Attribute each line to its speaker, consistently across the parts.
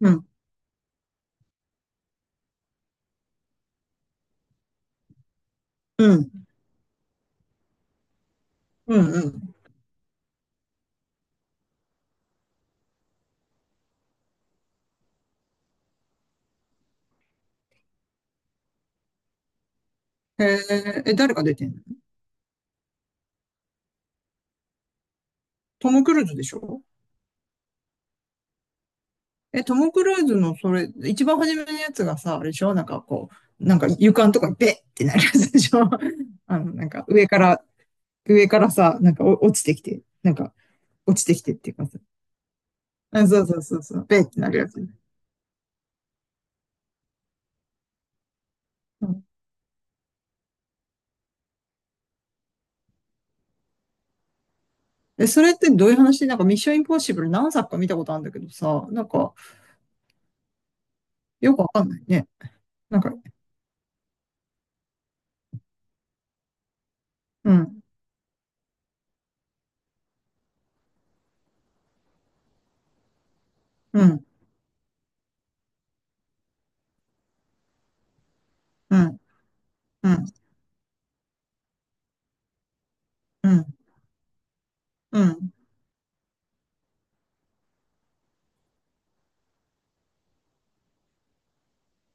Speaker 1: うん、うん、うん、うん。へえ、え、誰が出てんの？トム・クルーズでしょ？え、トム・クルーズのそれ、一番初めのやつがさ、あれでしょ？なんかこう、なんか床のとこにベッってなるやつでしょ？ あの、なんか上から、さ、なんか落ちてきて、なんか落ちてきてっていうかさ。あ、そうそうそうそう、ベッってなるやつ。うん。え、それってどういう話？なんかミッションインポッシブル何作か見たことあるんだけどさ、なんかよくわかんないね。なんか、うん、うん、うん、うん、うん、うん、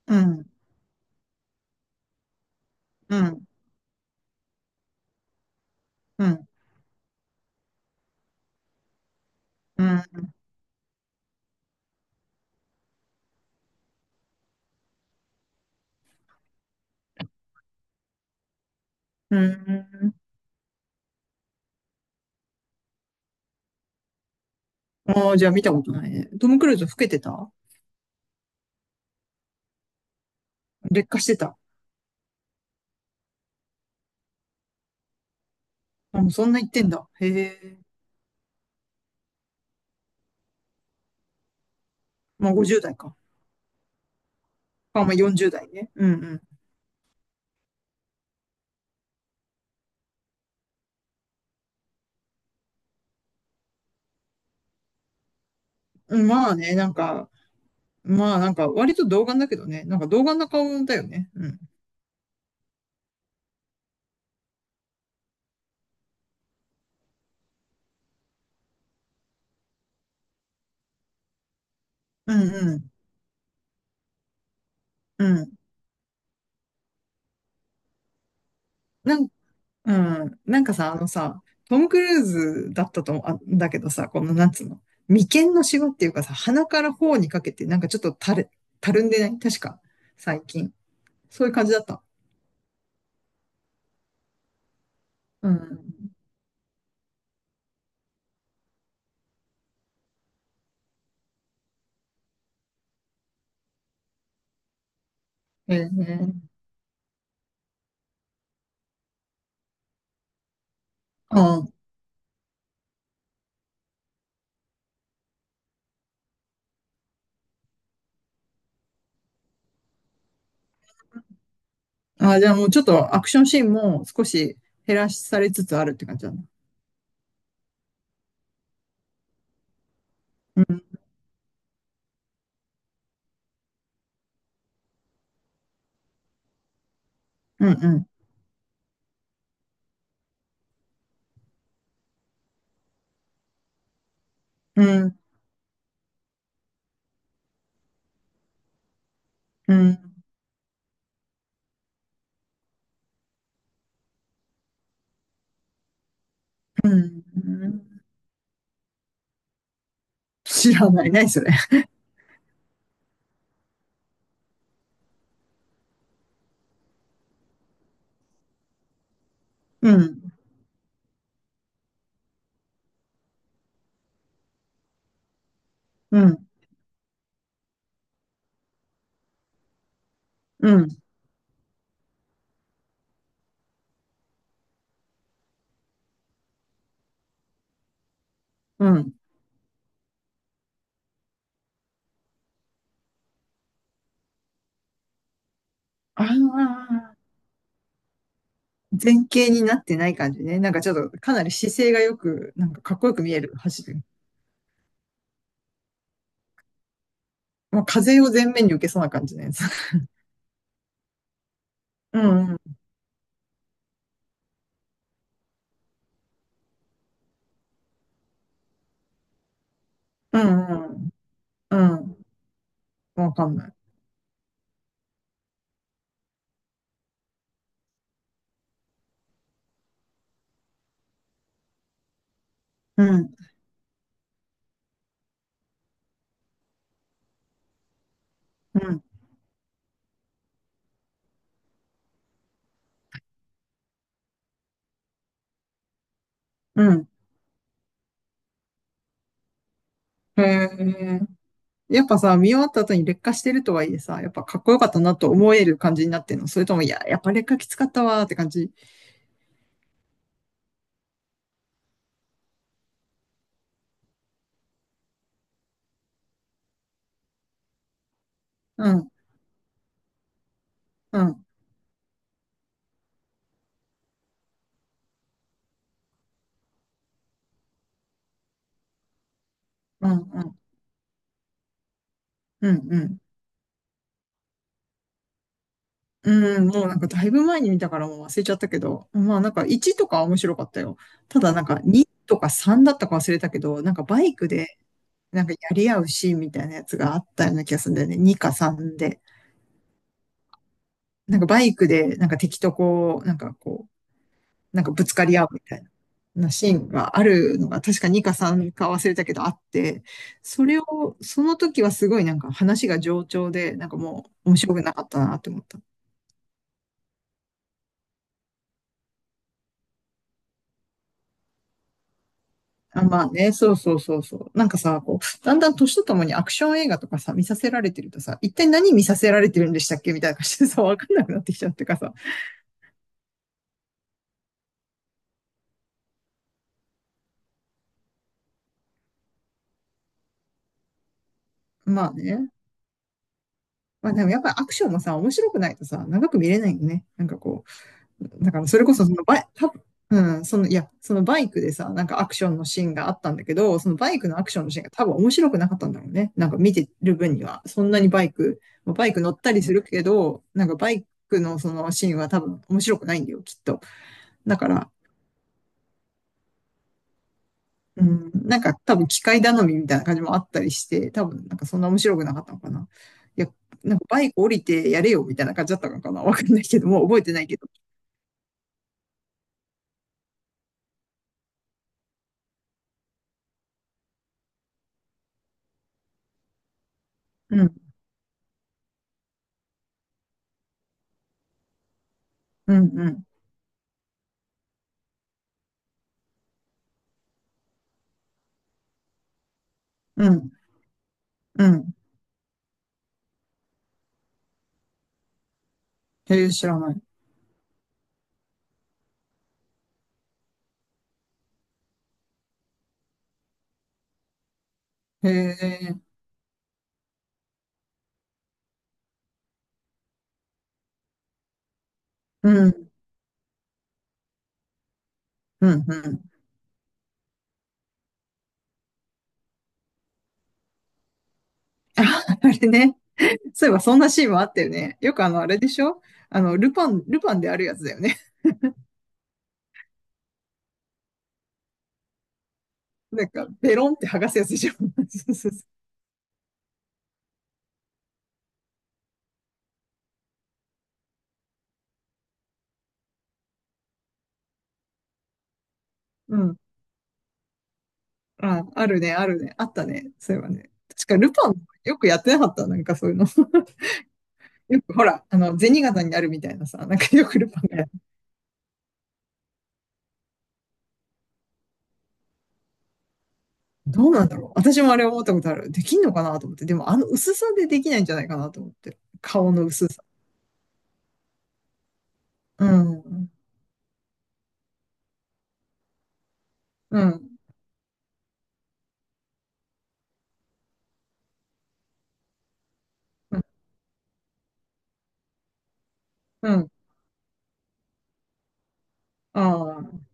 Speaker 1: うん、うん。うん、うん、うん。ああ、じゃあ見たことないね。トム・クルーズ老けてた？劣化してた。あ、もうそんな言ってんだ。へえ。まあ50代か。あ、まあ40代ね。うん、うん。うん、まあね、なんか、まあなんか割と童顔だけどね。なんか童顔な顔だよね。うん。うん、うん、うん。なん、うん。なんかさ、あのさ、トム・クルーズだったと思う。あ、だけどさ、このなんつうの。眉間のシワっていうかさ、鼻から頬にかけて、なんかちょっとたるんでない？確か、最近。そういう感じだった。うん。へえ。ああ、じゃあもうちょっとアクションシーンも少し減らされつつあるって感じなんだ。うん、うん、うん、うん、うん。うん、知らない。何それ。うん、うん、うん、うん。ああ、前傾になってない感じね。なんかちょっとかなり姿勢がよく、なんかかっこよく見える走る。まあ、風を前面に受けそうな感じのやつ。うん、うん、うん、うん、うん。わかんない。うん、うん、うん。へえ。やっぱさ、見終わった後に劣化してるとはいえさ、やっぱかっこよかったなと思える感じになってるの？それとも、いや、やっぱ劣化きつかったわーって感じ？うん、うん、うん、うん、うん、うん。うん、もうなんかだいぶ前に見たからもう忘れちゃったけど、まあなんか1とかは面白かったよ。ただなんか2とか3だったか忘れたけど、なんかバイクでなんかやり合うシーンみたいなやつがあったような気がするんだよね。2か3で。なんかバイクでなんか敵とこう、なんかこう、なんかぶつかり合うみたいな。シーンがあるのが、確か2か3か忘れたけどあって、それを、その時はすごいなんか話が冗長で、なんかもう面白くなかったなって思った。あ、まあね、そうそうそうそう。なんかさ、こう、だんだん年とともにアクション映画とかさ、見させられてるとさ、一体何見させられてるんでしたっけみたいな感じでさ、わかんなくなってきちゃうってかさ。まあね。まあでもやっぱりアクションもさ、面白くないとさ、長く見れないよね。なんかこう。だからそれこそそのバイ、たうん、その、いや、そのバイクでさ、なんかアクションのシーンがあったんだけど、そのバイクのアクションのシーンが多分面白くなかったんだろうね。なんか見てる分には、そんなにバイク、まあバイク乗ったりするけど、なんかバイクのそのシーンは多分面白くないんだよ、きっと。だから、うん、なんか多分機械頼みみたいな感じもあったりして、多分なんかそんな面白くなかったのかな。いや、なんかバイク降りてやれよみたいな感じだったのかな。わかんないけど、もう覚えてないけど。うん、うん、うん、うん、うん。へえ、知らない。へえ、うん、うん、うん。あ、あれね。そういえばそんなシーンもあったよね。よくあの、あれでしょ？あの、ルパンであるやつだよね。なんか、ベロンって剥がすやつでしょ？ そうそうそう。うん。あ、あるね、あるね。あったね。そういえばね。確かルパンよくやってなかった？なんかそういうの。よくほら、あの、銭形になるみたいなさ、なんかよくルパンがやる。どうなんだろう。私もあれ思ったことある。できんのかなと思って。でもあの薄さでできないんじゃないかなと思って。顔の薄さ。うん。うん。うん。うん、ああ、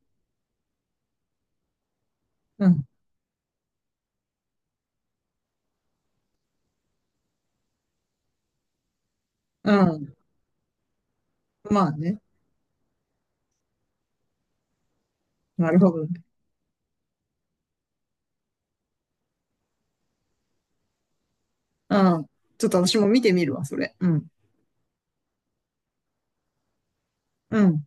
Speaker 1: うん、うん。まあね。なるほどね。うん。ちょっと私も見てみるわ、それ。うん、うん。